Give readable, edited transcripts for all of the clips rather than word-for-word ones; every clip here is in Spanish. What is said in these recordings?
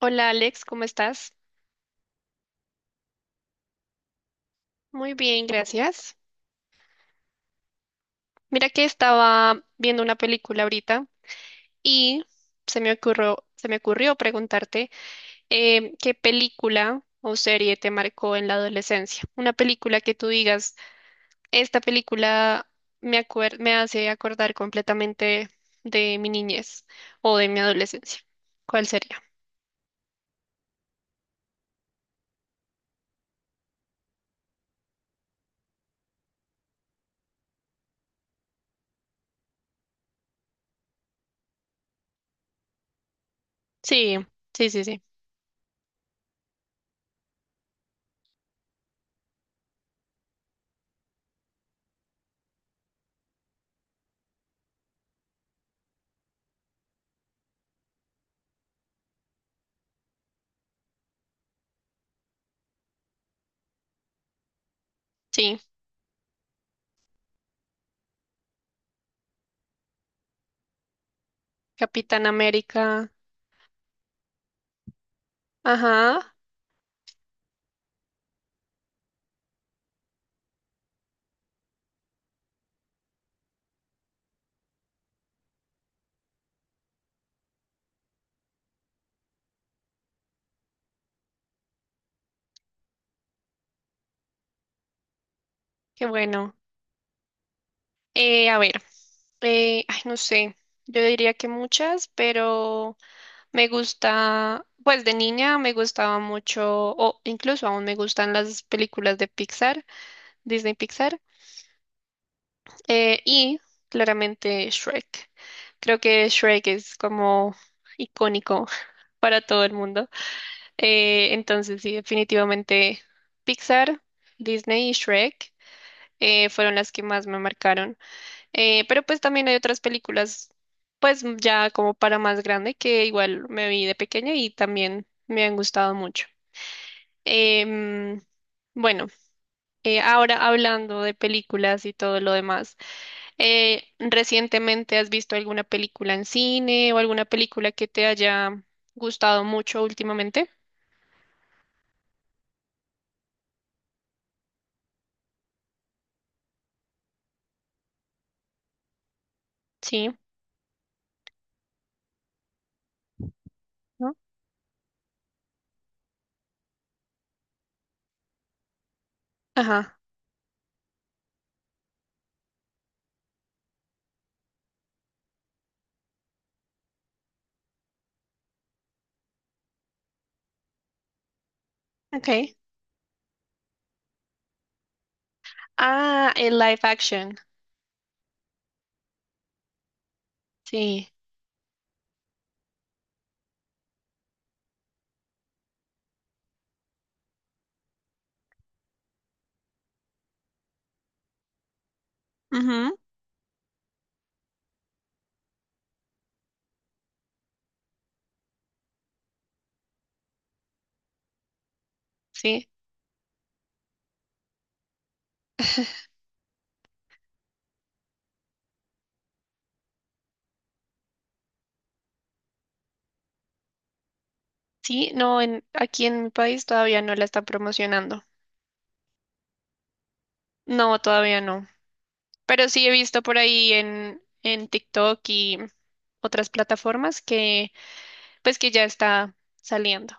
Hola Alex, ¿cómo estás? Muy bien, gracias. Mira que estaba viendo una película ahorita y se me ocurrió preguntarte qué película o serie te marcó en la adolescencia. Una película que tú digas, esta película me hace acordar completamente de mi niñez o de mi adolescencia. ¿Cuál sería? Sí, sí, sí, sí. Sí, Capitán América. Ajá, qué bueno. A ver, ay, no sé, yo diría que muchas, pero me gusta, pues de niña me gustaba mucho, o incluso aún me gustan las películas de Pixar, Disney Pixar, y claramente Shrek. Creo que Shrek es como icónico para todo el mundo. Entonces, sí, definitivamente Pixar, Disney y Shrek fueron las que más me marcaron. Pero pues también hay otras películas, pues ya como para más grande, que igual me vi de pequeña y también me han gustado mucho. Em, bueno, ahora hablando de películas y todo lo demás, ¿recientemente has visto alguna película en cine o alguna película que te haya gustado mucho últimamente? Sí, ¿no? Ajá, ok. Ah, el live action, sí. Ujú. Sí. Sí, no, en, aquí en mi país todavía no la están promocionando. No, todavía no. Pero sí he visto por ahí en TikTok y otras plataformas que pues que ya está saliendo.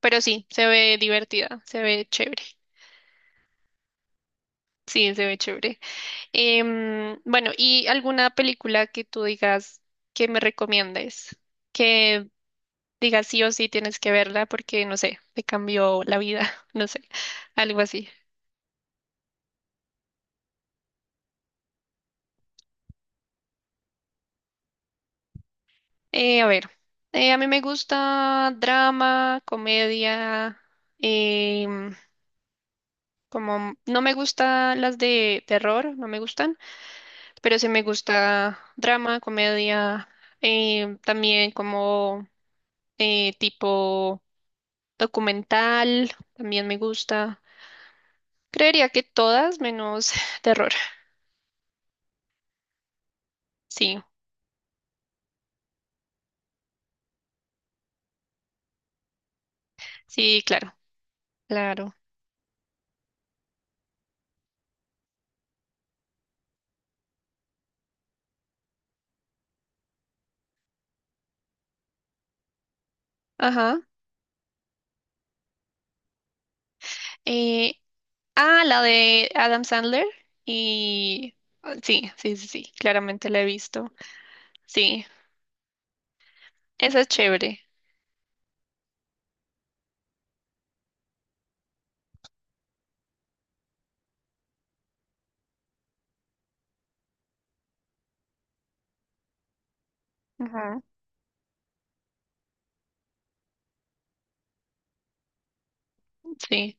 Pero sí, se ve divertida, se ve chévere. Sí, se ve chévere. Bueno, ¿y alguna película que tú digas que me recomiendes? Que digas sí o sí tienes que verla porque, no sé, te cambió la vida, no sé, algo así. A ver, a mí me gusta drama, comedia, em, como no me gustan las de terror, no me gustan, pero sí me gusta drama, comedia, también como tipo documental, también me gusta. Creería que todas menos terror. Sí, sí, claro, claro. Ajá. Eh, Ah, la de Adam Sandler. Y sí, sí, sí, sí, claramente la he visto. Sí, esa es chévere. Ujú. Sí,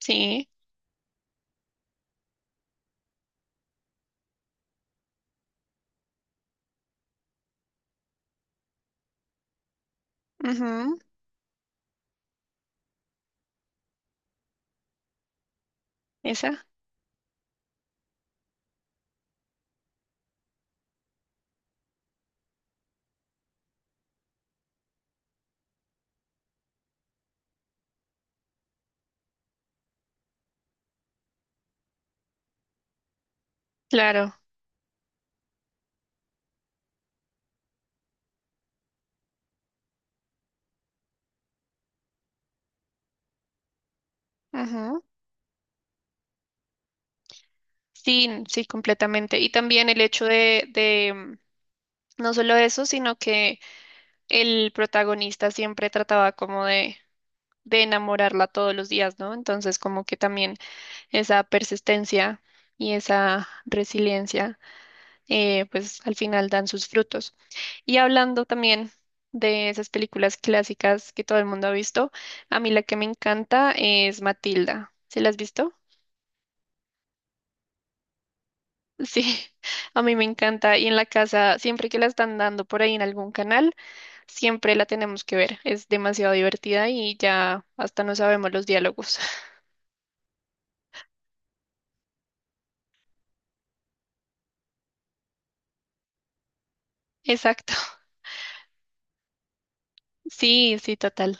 sí. Ujú. Esa, claro. Ujú. Sí, sí, completamente. Y también el hecho de, de no solo eso, sino que el protagonista siempre trataba como de enamorarla todos los días, ¿no? Entonces, como que también esa persistencia y esa resiliencia. Pues al final dan sus frutos. Y hablando también de esas películas clásicas que todo el mundo ha visto, a mí la que me encanta es Matilda. ¿Se la has visto? Sí, a mí me encanta. Y en la casa, siempre que la están dando por ahí en algún canal, siempre la tenemos que ver. Es demasiado divertida y ya hasta no sabemos los diálogos. Exacto. Sí, sí, total.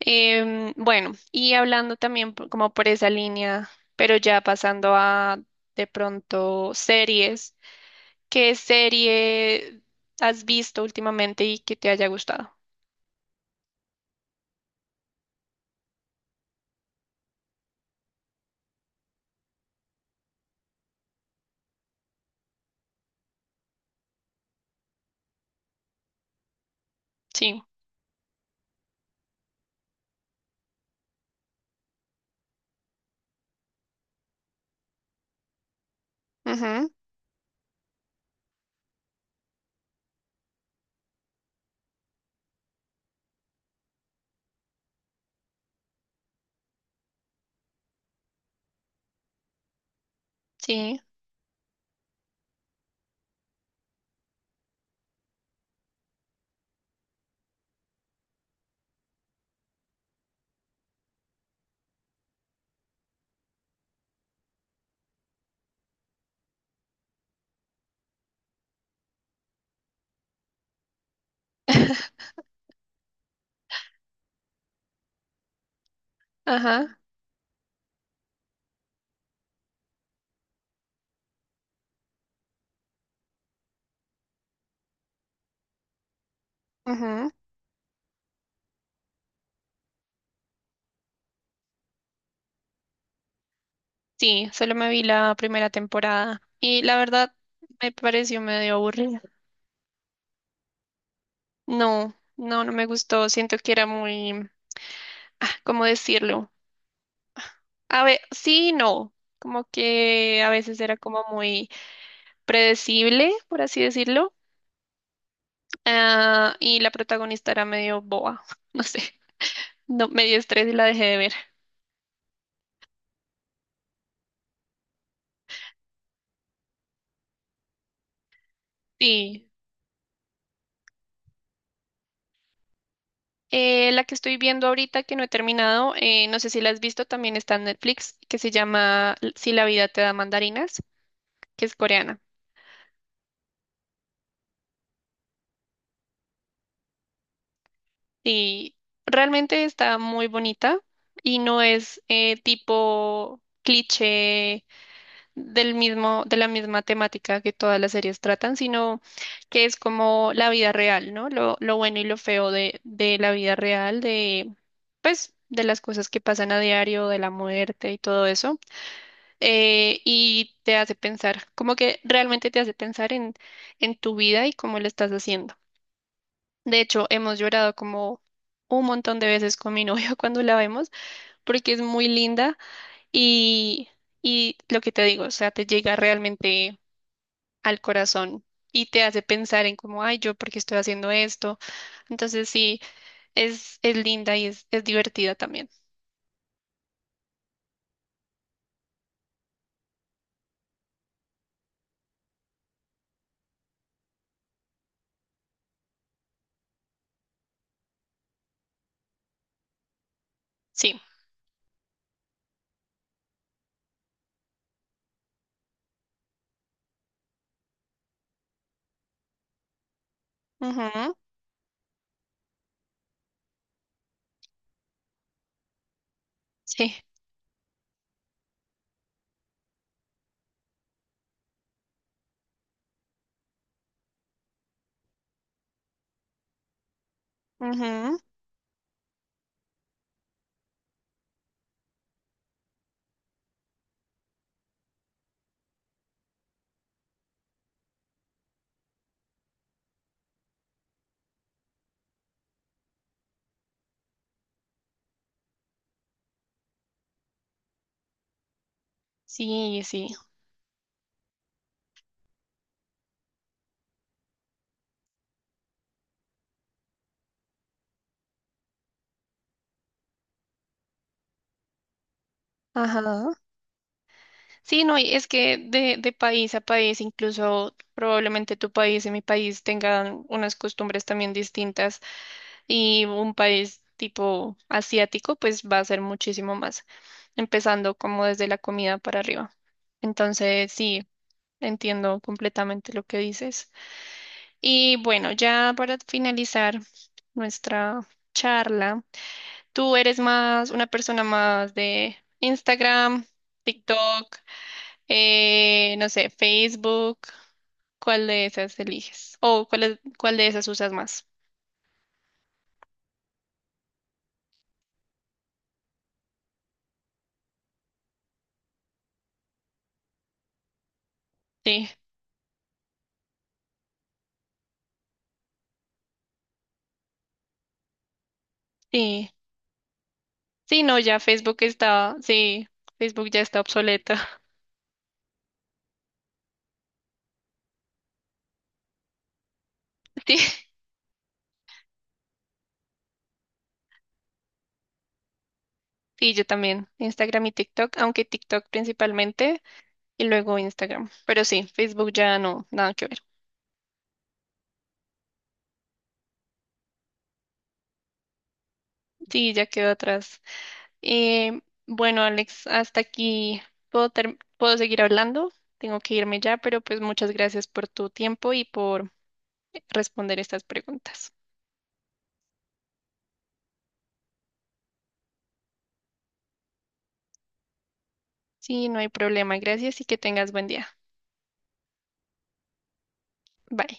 Bueno, y hablando también como por esa línea, pero ya pasando a de pronto series, ¿qué serie has visto últimamente y que te haya gustado? Sí, ujú, sí, ajá, ujú, sí, solo me vi la primera temporada y la verdad me pareció medio aburrida. No, no, no me gustó, siento que era muy, ah, ¿cómo decirlo? A ver, sí, y no, como que a veces era como muy, predecible, por así decirlo, ah, y la protagonista era medio boba, no sé, no, me dio estrés y la dejé de ver. Sí. La que estoy viendo ahorita que no he terminado, no sé si la has visto, también está en Netflix, que se llama Si la vida te da mandarinas, que es coreana. Y realmente está muy bonita y no es tipo cliché del mismo, de la misma temática que todas las series tratan, sino que es como la vida real, ¿no? Lo bueno y lo feo de la vida real, de, pues, de las cosas que pasan a diario, de la muerte y todo eso. Y te hace pensar, como que realmente te hace pensar en tu vida y cómo lo estás haciendo. De hecho, hemos llorado como un montón de veces con mi novio cuando la vemos, porque es muy linda y, y lo que te digo, o sea, te llega realmente al corazón y te hace pensar en como, ay, yo, ¿por qué estoy haciendo esto? Entonces sí, es linda y es divertida también. Sí. Ujú. Sí. Ujú. Sí, sí. Ajá. Sí, no, y es que de país a país, incluso probablemente tu país y mi país tengan unas costumbres también distintas y un país tipo asiático, pues va a ser muchísimo más, empezando como desde la comida para arriba. Entonces, sí. Entiendo completamente lo que dices. Y bueno, ya para finalizar nuestra charla, ¿tú eres más una persona más de Instagram, TikTok, no sé, Facebook? ¿Cuál de esas eliges? ¿O cuál, cuál de esas usas más? Sí, sí. Sí, no, ya Facebook está, sí, Facebook ya está obsoleta. Sí, sí, yo también. Instagram y TikTok, aunque TikTok principalmente. Y luego Instagram. Pero sí, Facebook ya no, nada que ver. Sí, ya quedó atrás. Eh, bueno, Alex, hasta aquí puedo, puedo seguir hablando. Tengo que irme ya, pero pues muchas gracias por tu tiempo y por responder estas preguntas. Sí, no hay problema. Gracias y que tengas buen día. Bye.